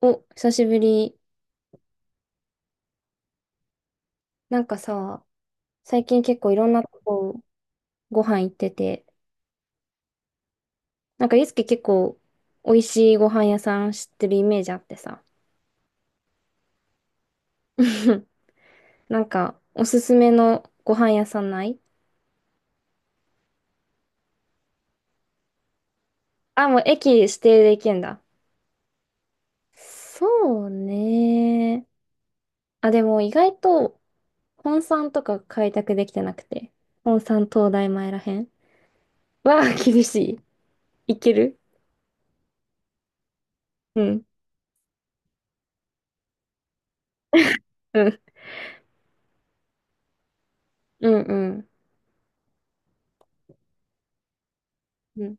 お、久しぶり。なんかさ、最近結構いろんなとこご飯行ってて、なんかゆうすけ結構美味しいご飯屋さん知ってるイメージあってさ。なんかおすすめのご飯屋さんない？あ、もう駅指定で行けんだ。そうね。あ、でも意外と本山とか開拓できてなくて。本山東大前らへん。わあ、厳しい。いける？うん。うん。うんうん。うん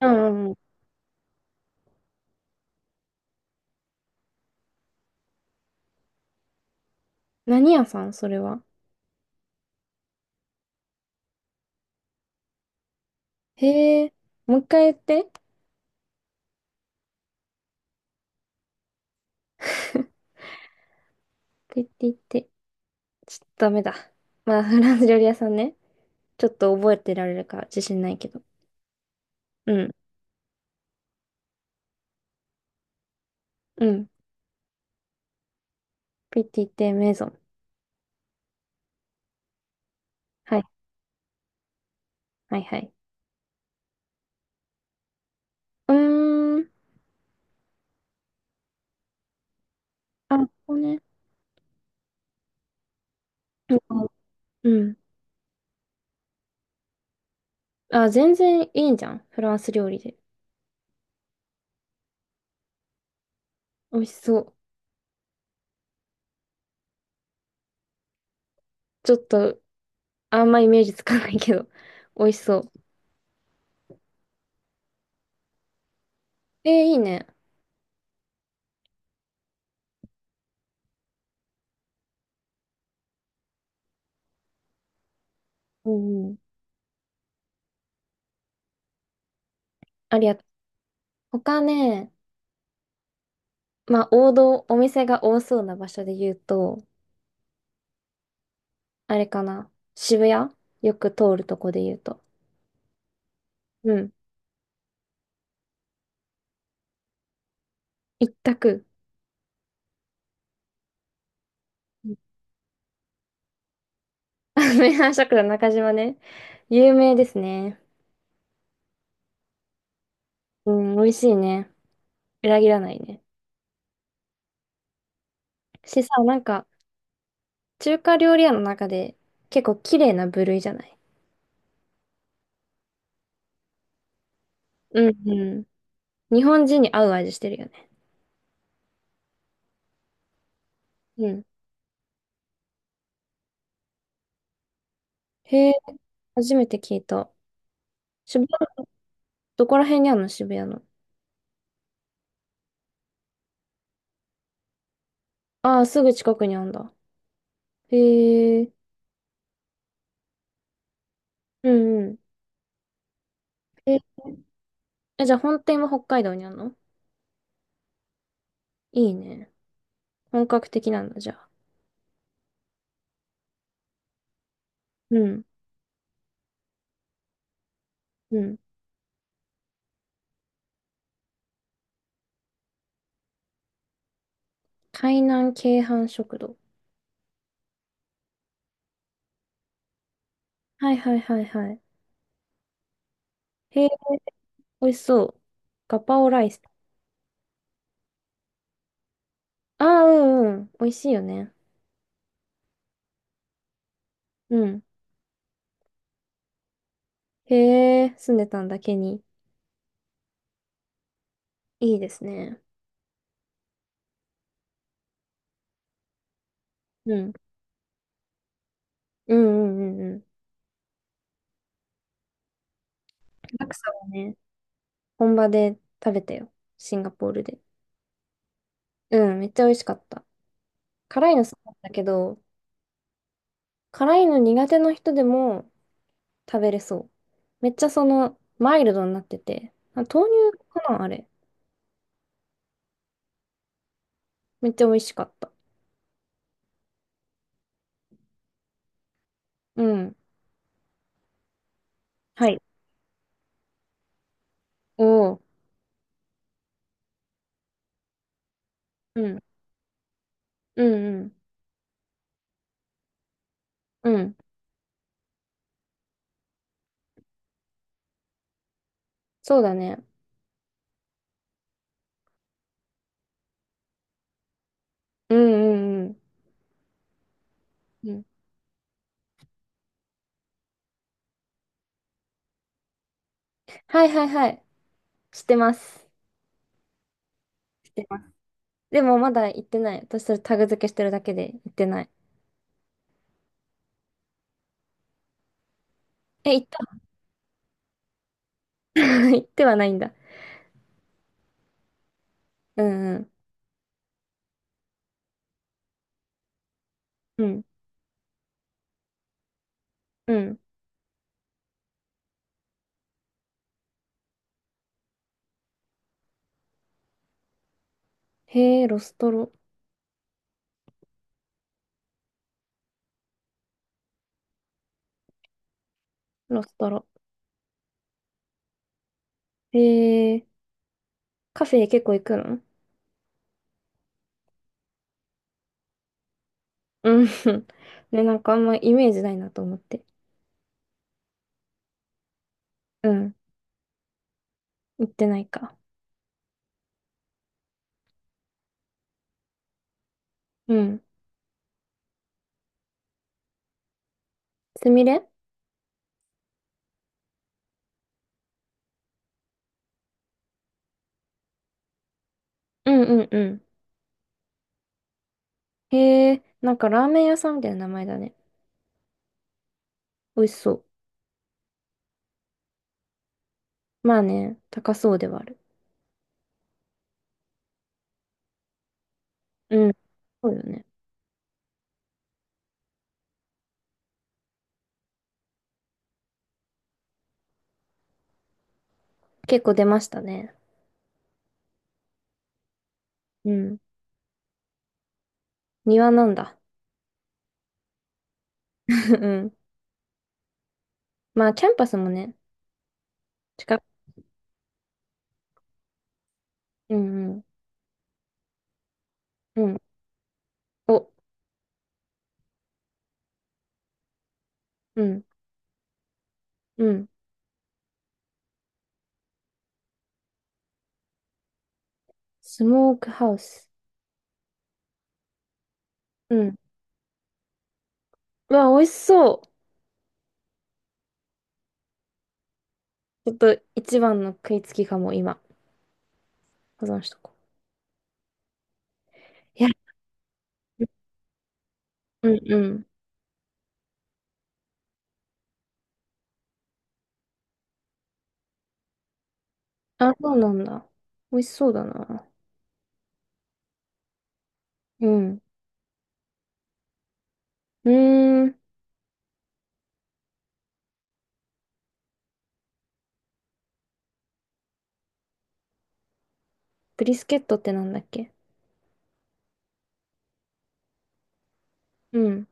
うんうんうん。何屋さんそれは？へえ、もう一回言って。言って言って。ちょっとダメだ。まあ、フランス料理屋さんね。ちょっと覚えてられるか自信ないけど。うん。うん。ピティテメゾン。はい。はいはい。うーん。あ、ここね。うん。うん。あ、全然いいんじゃん。フランス料理で。美味しそう。ちょっと、あんまイメージつかないけど。美味しそう。えー、いいね。うんうん。ありがとう。他ね、まあ、王道、お店が多そうな場所で言うと、あれかな。渋谷よく通るとこで言うと。うん。一択。うん。 名阪食堂中島ね。有名ですね。うん、美味しいね。裏切らないね。しさ、なんか、中華料理屋の中で結構綺麗な部類じゃない？うん、うん。日本人に合う味してるよね。うん。へえ、初めて聞いた。渋谷、どこら辺にあるの渋谷の？ああ、すぐ近くにあるんだ。へえ、うんうん。え、えじゃあ本店は北海道にあるの？いいね。本格的なんだ、じゃあ。うん。うん。海南鶏飯食堂。はいはいはいはい。へえ、美味しそう。ガパオライス。ああ、うんうん。美味しいよね。うん。へえ、住んでたんだけに。いいですね。うん。うんうんうんうん。ラクサはね、本場で食べたよ。シンガポールで。うん、めっちゃ美味しかった。辛いの好きだったけど、辛いの苦手な人でも食べれそう。めっちゃその、マイルドになってて。あ、豆乳かなあれ。めっちゃ美味しかった。うん。はい。おお。うん。うんうん。うん。そうだね。うんうんうん。うん。はいはいはい。知ってます。知ってます。でもまだ行ってない。私それタグ付けしてるだけで行ってない。え、行った？ 行ってはないんだ。うんうん。うん。うん。へえ、ロストロ。ロストロ。へえ、カフェ結構行くの？うん。ね、なんかあんまイメージないなと思って。うん。行ってないか。うん。すみれ。うんうんうん。へえ、なんかラーメン屋さんみたいな名前だね。美味しそう。まあね、高そうではある。うん。そうよね。結構出ましたね。うん。庭なんだ。うん。まあ、キャンパスもね、近く。うんうん。うん。お、うん。うん。スモークハウス。うん。うわ、美味しそう。ちょっと一番の食いつきかも、今。保存しとこう。いや、うんうん。あ、そうなんだ。美味しそうだな。うん。うーん。ブリスケットってなんだっけ？うん。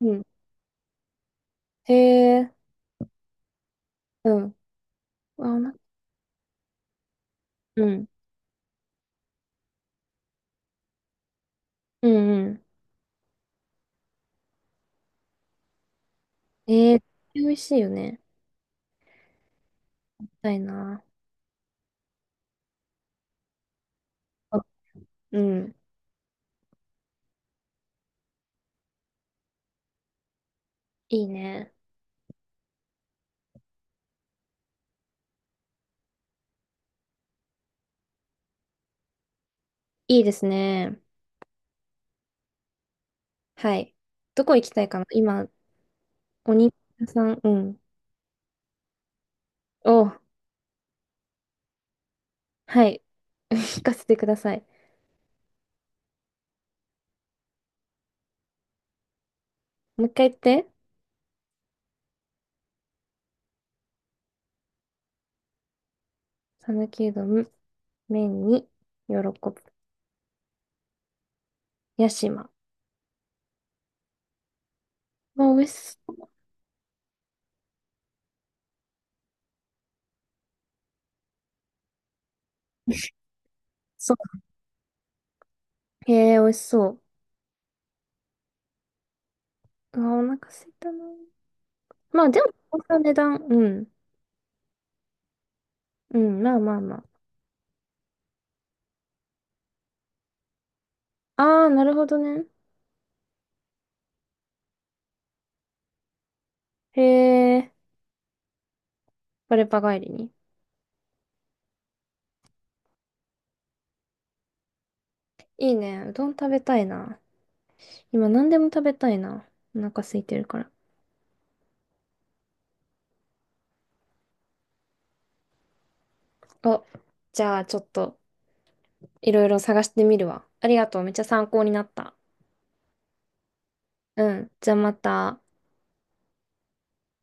うん。へえ、うん。あ、な、うん。うんうん。えー、美味しいよね。したいな。あうん。いいね。いいですね。はい。どこ行きたいかな今、お肉屋さん、うん。お、はい。聞かせてください。もう一回言って。讃岐うどん、麺に、喜ぶ。屋島。あ、美味しそう。へえ、美味しそう。あ、お腹すいたな。まあ、でも、こんな値段。うん。うん、まあまあまあ。ああ、なるほどね。へえ、バレパ帰りに。いいね。うどん食べたいな。今何でも食べたいな。お腹空いてるから。あ、じゃあちょっといろいろ探してみるわ。ありがとう。めっちゃ参考になった。うん。じゃあまた。